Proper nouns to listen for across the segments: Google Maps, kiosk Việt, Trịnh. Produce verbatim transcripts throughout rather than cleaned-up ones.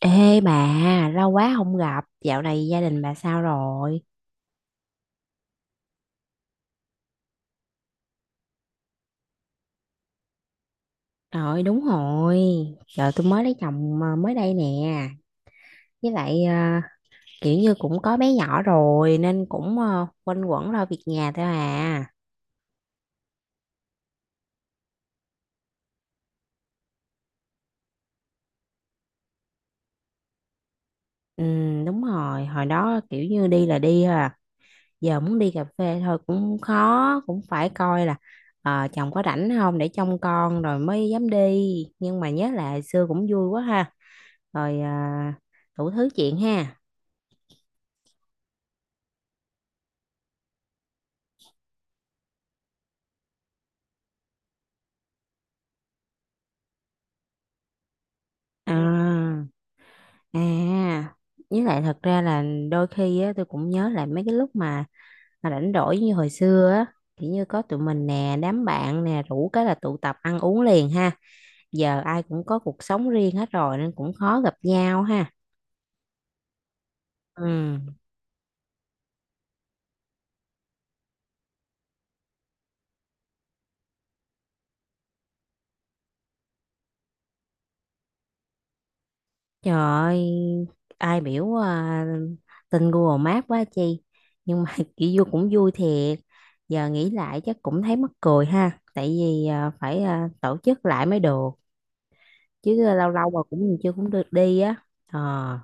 Ê bà, lâu quá không gặp, dạo này gia đình bà sao rồi? Rồi đúng rồi, giờ tôi mới lấy chồng à, mới đây nè, với lại à, kiểu như cũng có bé nhỏ rồi nên cũng à, quanh quẩn lo việc nhà thôi à. Ừ đúng rồi, hồi đó kiểu như đi là đi thôi à, giờ muốn đi cà phê thôi cũng khó, cũng phải coi là ờ, chồng có rảnh không để trông con rồi mới dám đi, nhưng mà nhớ lại hồi xưa cũng vui quá ha, rồi à, đủ thứ chuyện ha. À. À, với lại thật ra là đôi khi á, tôi cũng nhớ lại mấy cái lúc mà mà rảnh rỗi như hồi xưa á, kiểu như có tụi mình nè, đám bạn nè, rủ cái là tụ tập ăn uống liền ha. Giờ ai cũng có cuộc sống riêng hết rồi nên cũng khó gặp nhau ha. Ừ, trời ơi, ai biểu à, tin Google Maps quá chi. Nhưng mà kiểu vui cũng vui thiệt. Giờ nghĩ lại chắc cũng thấy mắc cười ha, tại vì à, phải à, tổ chức lại mới được. Chứ lâu lâu mà cũng chưa cũng được đi á. Ờ,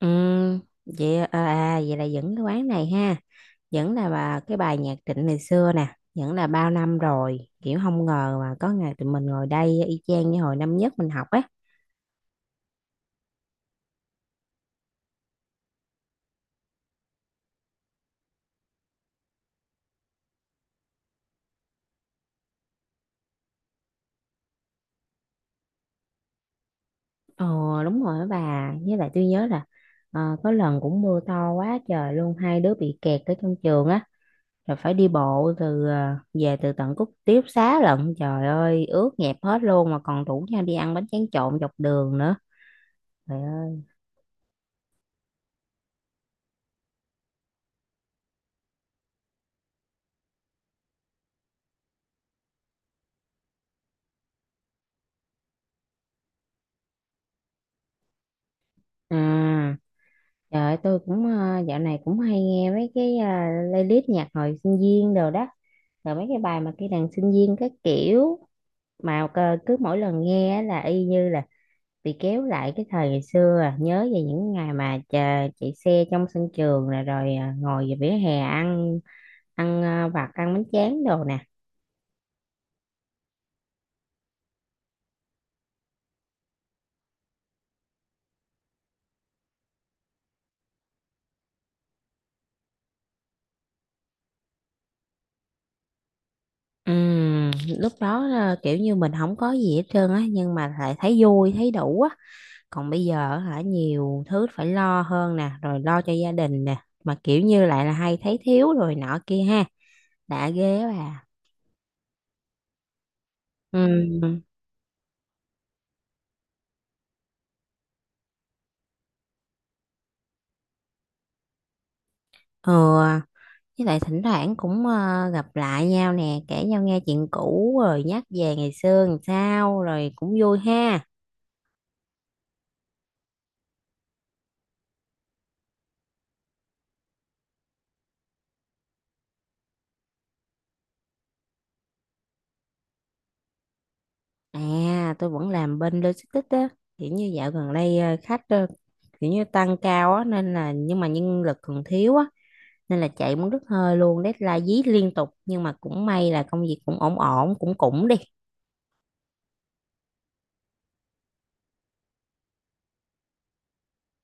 ừm, vậy à, à, vậy là vẫn cái quán này ha, vẫn là bà cái bài nhạc Trịnh ngày xưa nè, vẫn là bao năm rồi kiểu không ngờ mà có ngày tụi mình ngồi đây y chang như hồi năm nhất mình học á. Ờ đúng rồi á bà, với lại tôi nhớ là ờ, có lần cũng mưa to quá trời luôn, hai đứa bị kẹt ở trong trường á, rồi phải đi bộ từ ờ, về từ tận Cúc tiếp Xá lận, trời ơi ướt nhẹp hết luôn, mà còn rủ nhau đi ăn bánh tráng trộn dọc đường nữa. Trời ơi. À, trời ơi, tôi cũng ờ, dạo này cũng hay nghe mấy cái ờ, playlist nhạc hồi sinh viên đồ đó, rồi mấy cái bài mà cái đàn sinh viên các kiểu, mà cơ- cứ mỗi lần nghe á là y như là bị kéo lại cái thời ngày xưa à, nhớ về những ngày mà chờ, chạy xe trong sân trường rồi rồi ờ, ngồi về vỉa hè ăn ăn ờ, vặt ăn bánh tráng đồ nè. Ừm, lúc đó là kiểu như mình không có gì hết trơn á, nhưng mà lại thấy vui thấy đủ á, còn bây giờ hả, nhiều thứ phải lo hơn nè, rồi lo cho gia đình nè, mà kiểu như lại là hay thấy thiếu rồi nọ kia ha, đã ghê á bà. Ừ, ừ, với lại thỉnh thoảng cũng ờ, gặp lại nhau nè, kể nhau nghe chuyện cũ rồi nhắc về ngày xưa làm sao rồi cũng vui ha. À tôi vẫn làm bên logistics á, kiểu như dạo gần đây ờ, khách ờ, kiểu như tăng cao á nên là, nhưng mà nhân lực còn thiếu á, nên là chạy muốn đứt hơi luôn, deadline dí liên tục, nhưng mà cũng may là công việc cũng ổn ổn, cũng cũng đi.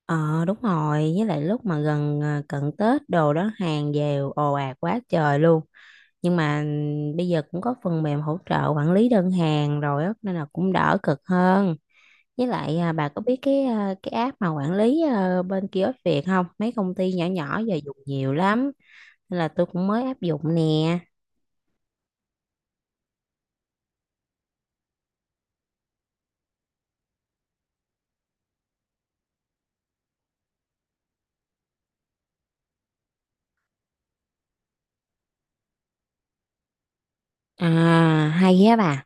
Ờ đúng rồi, với lại lúc mà gần à, cận Tết đồ đó hàng về ồ ạt quá trời luôn, nhưng mà ừ, bây giờ cũng có phần mềm hỗ trợ quản lý đơn hàng rồi á, nên là cũng đỡ cực hơn. Với lại à, bà có biết cái à, cái app mà quản lý à, bên kiosk Việt không, mấy công ty nhỏ nhỏ giờ dùng nhiều lắm, nên là tôi cũng mới áp dụng nè. À hay á bà.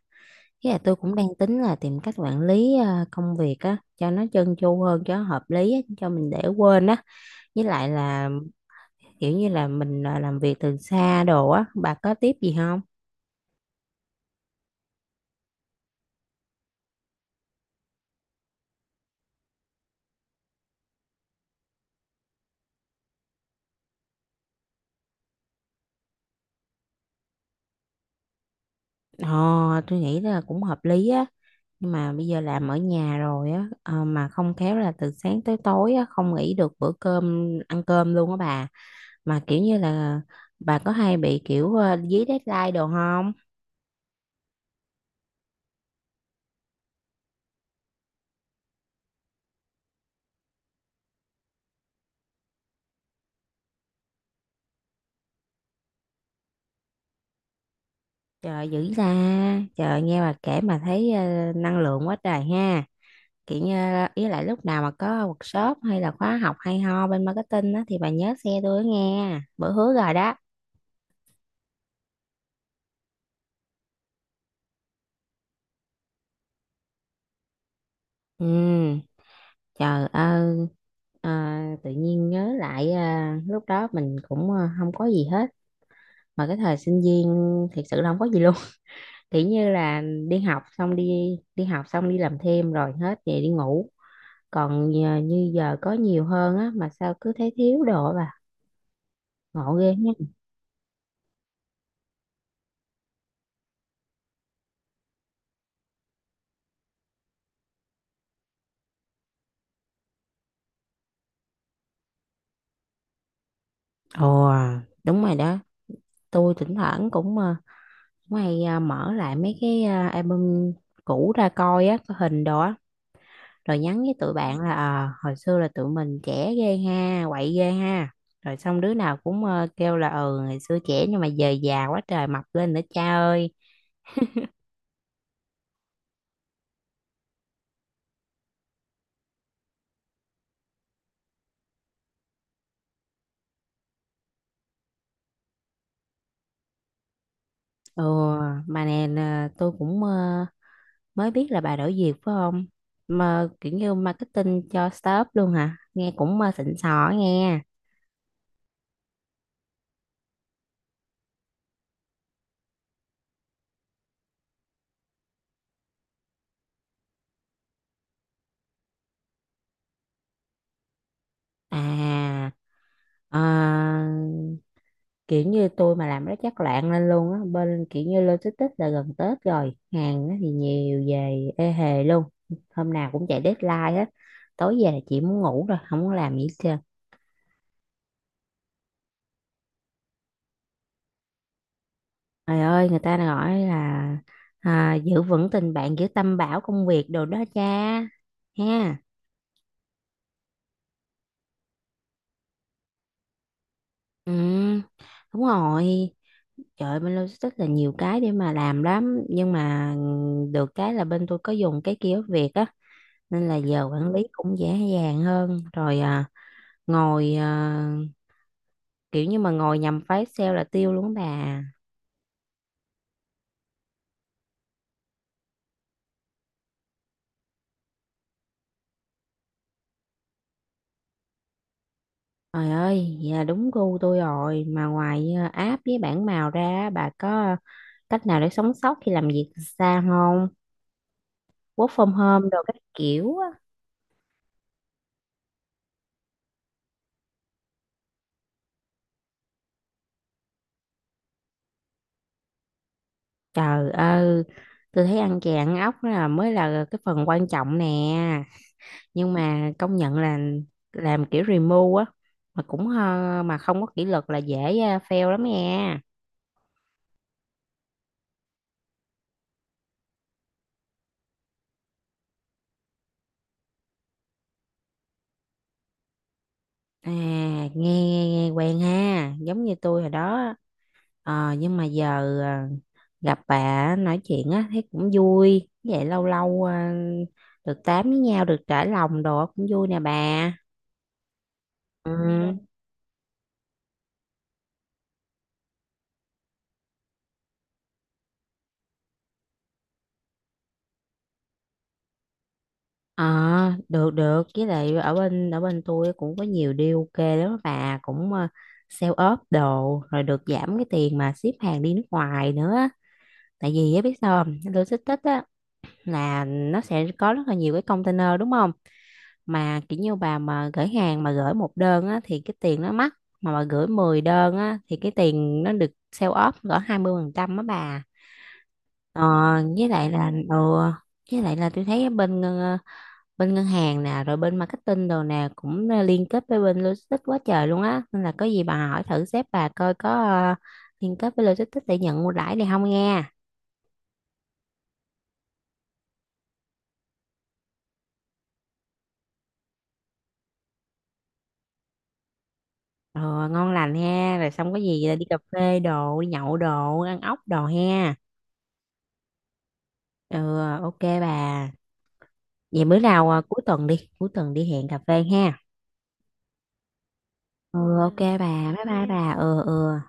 Với là tôi cũng đang tính là tìm cách quản lý ờ, công việc á cho nó trơn tru hơn, cho nó hợp lý á, cho mình để quên á, với lại là kiểu như là mình ờ, làm việc từ xa đồ á, bà có tiếp gì không? Ờ tôi nghĩ là cũng hợp lý á, nhưng mà bây giờ làm ở nhà rồi á, ờ, mà không khéo là từ sáng tới tối á không nghỉ được bữa cơm ăn cơm luôn á bà, mà kiểu như là bà có hay bị kiểu ờ, dí deadline đồ không? Trời dữ ra, trời nghe bà kể mà thấy ờ, năng lượng quá trời ha, kiểu như là- ý lại lúc nào mà có workshop hay là khóa học hay ho bên marketing á thì bà nhớ xe tôi nghe, bữa hứa rồi đó. Ừ trời ơi, à, tự nhiên nhớ lại à, lúc đó mình cũng à, không có gì hết, mà cái thời sinh viên thiệt sự là không có gì luôn. Kiểu như là đi học xong đi đi học xong đi làm thêm rồi hết về đi ngủ, còn giờ, như giờ có nhiều hơn á mà sao cứ thấy thiếu đồ bà, ngộ ghê nhé. Ồ đúng rồi đó, tôi thỉnh thoảng cũng ờ, Mày à, mở lại mấy cái à, album cũ ra coi á, có hình đồ á, rồi nhắn với tụi bạn là ờ, hồi xưa là tụi mình trẻ ghê ha, quậy ghê ha. Rồi xong đứa nào cũng ờ, kêu là ừ ngày xưa trẻ, nhưng mà giờ già quá trời mập lên nữa cha ơi. Ừ mà nè nè, tôi cũng ờ, mới biết là bà đổi việc phải không? Mà kiểu như marketing cho startup luôn hả? Nghe cũng ờ, xịn sò á nghe. À ờ, kiểu như tôi mà làm nó chắc loạn lên luôn á, bên kiểu như logistics là gần Tết rồi, hàng á thì nhiều về ê hề luôn, hôm nào cũng chạy deadline hết, tối về là chỉ muốn ngủ rồi không muốn làm gì hết trơn. Trời ơi người ta gọi là à, giữ vững tình bạn giữ tâm bảo công việc đồ đó cha, ha. Ừ đúng rồi. Trời ơi, bên logistics là nhiều cái để mà làm lắm, nhưng mà được cái là bên tôi có dùng cái kiosk Việt á, nên là giờ quản lý cũng dễ dàng hơn rồi. À, ngồi à, kiểu như mà ngồi nhầm phái sale là tiêu luôn á bà. Trời ơi dạ đúng gu tôi rồi, mà ngoài à, app với bảng màu ra á, bà có cách nào để sống sót khi làm việc từ xa không, work from home đồ các kiểu á. Trời ơi tôi thấy ăn chè ăn ốc là mới là cái phần quan trọng nè, nhưng mà công nhận là làm kiểu remote á, mà cũng ờ, mà không có kỷ luật là dễ ờ, fail lắm nha. À, nghe, nghe, nghe quen ha, giống như tôi hồi đó á. Ờ, nhưng mà giờ à, gặp bà nói chuyện á, thấy cũng vui. Vậy lâu lâu à, được tám với nhau, được trải lòng đồ cũng vui nè bà. Ừ. Ờ, được được, với lại ở bên ở bên tôi cũng có nhiều deal ok lắm á bà, cũng uh, sale ốp đồ rồi được giảm cái tiền mà ship hàng đi nước ngoài nữa á. Tại vì á biết sao không, logistics á là nó sẽ có rất là nhiều cái container đúng không, mà kiểu như bà mà gửi hàng mà gửi một đơn á, thì cái tiền nó mắc, mà bà gửi mười đơn á, thì cái tiền nó được sale off cỡ hai mươi phần trăm á bà. Ờ, với lại là ừ, với lại là tôi thấy bên ngân- ờ, bên ngân hàng nè rồi bên marketing đồ nè cũng ờ, liên kết với bên logistics quá trời luôn á, nên là có gì bà hỏi thử sếp bà coi có ờ, liên kết với logistics để nhận ưu đãi này không nghe. Ờ, ngon lành ha, rồi xong có gì ờ, đi cà phê đồ đi nhậu đồ ăn ốc đồ ha. Ừ ờ, ok bà, vậy bữa nào à, cuối tuần đi, cuối tuần đi hẹn cà phê ha. Ừ ok bà, bye bye. Ok bà, ừ ừ.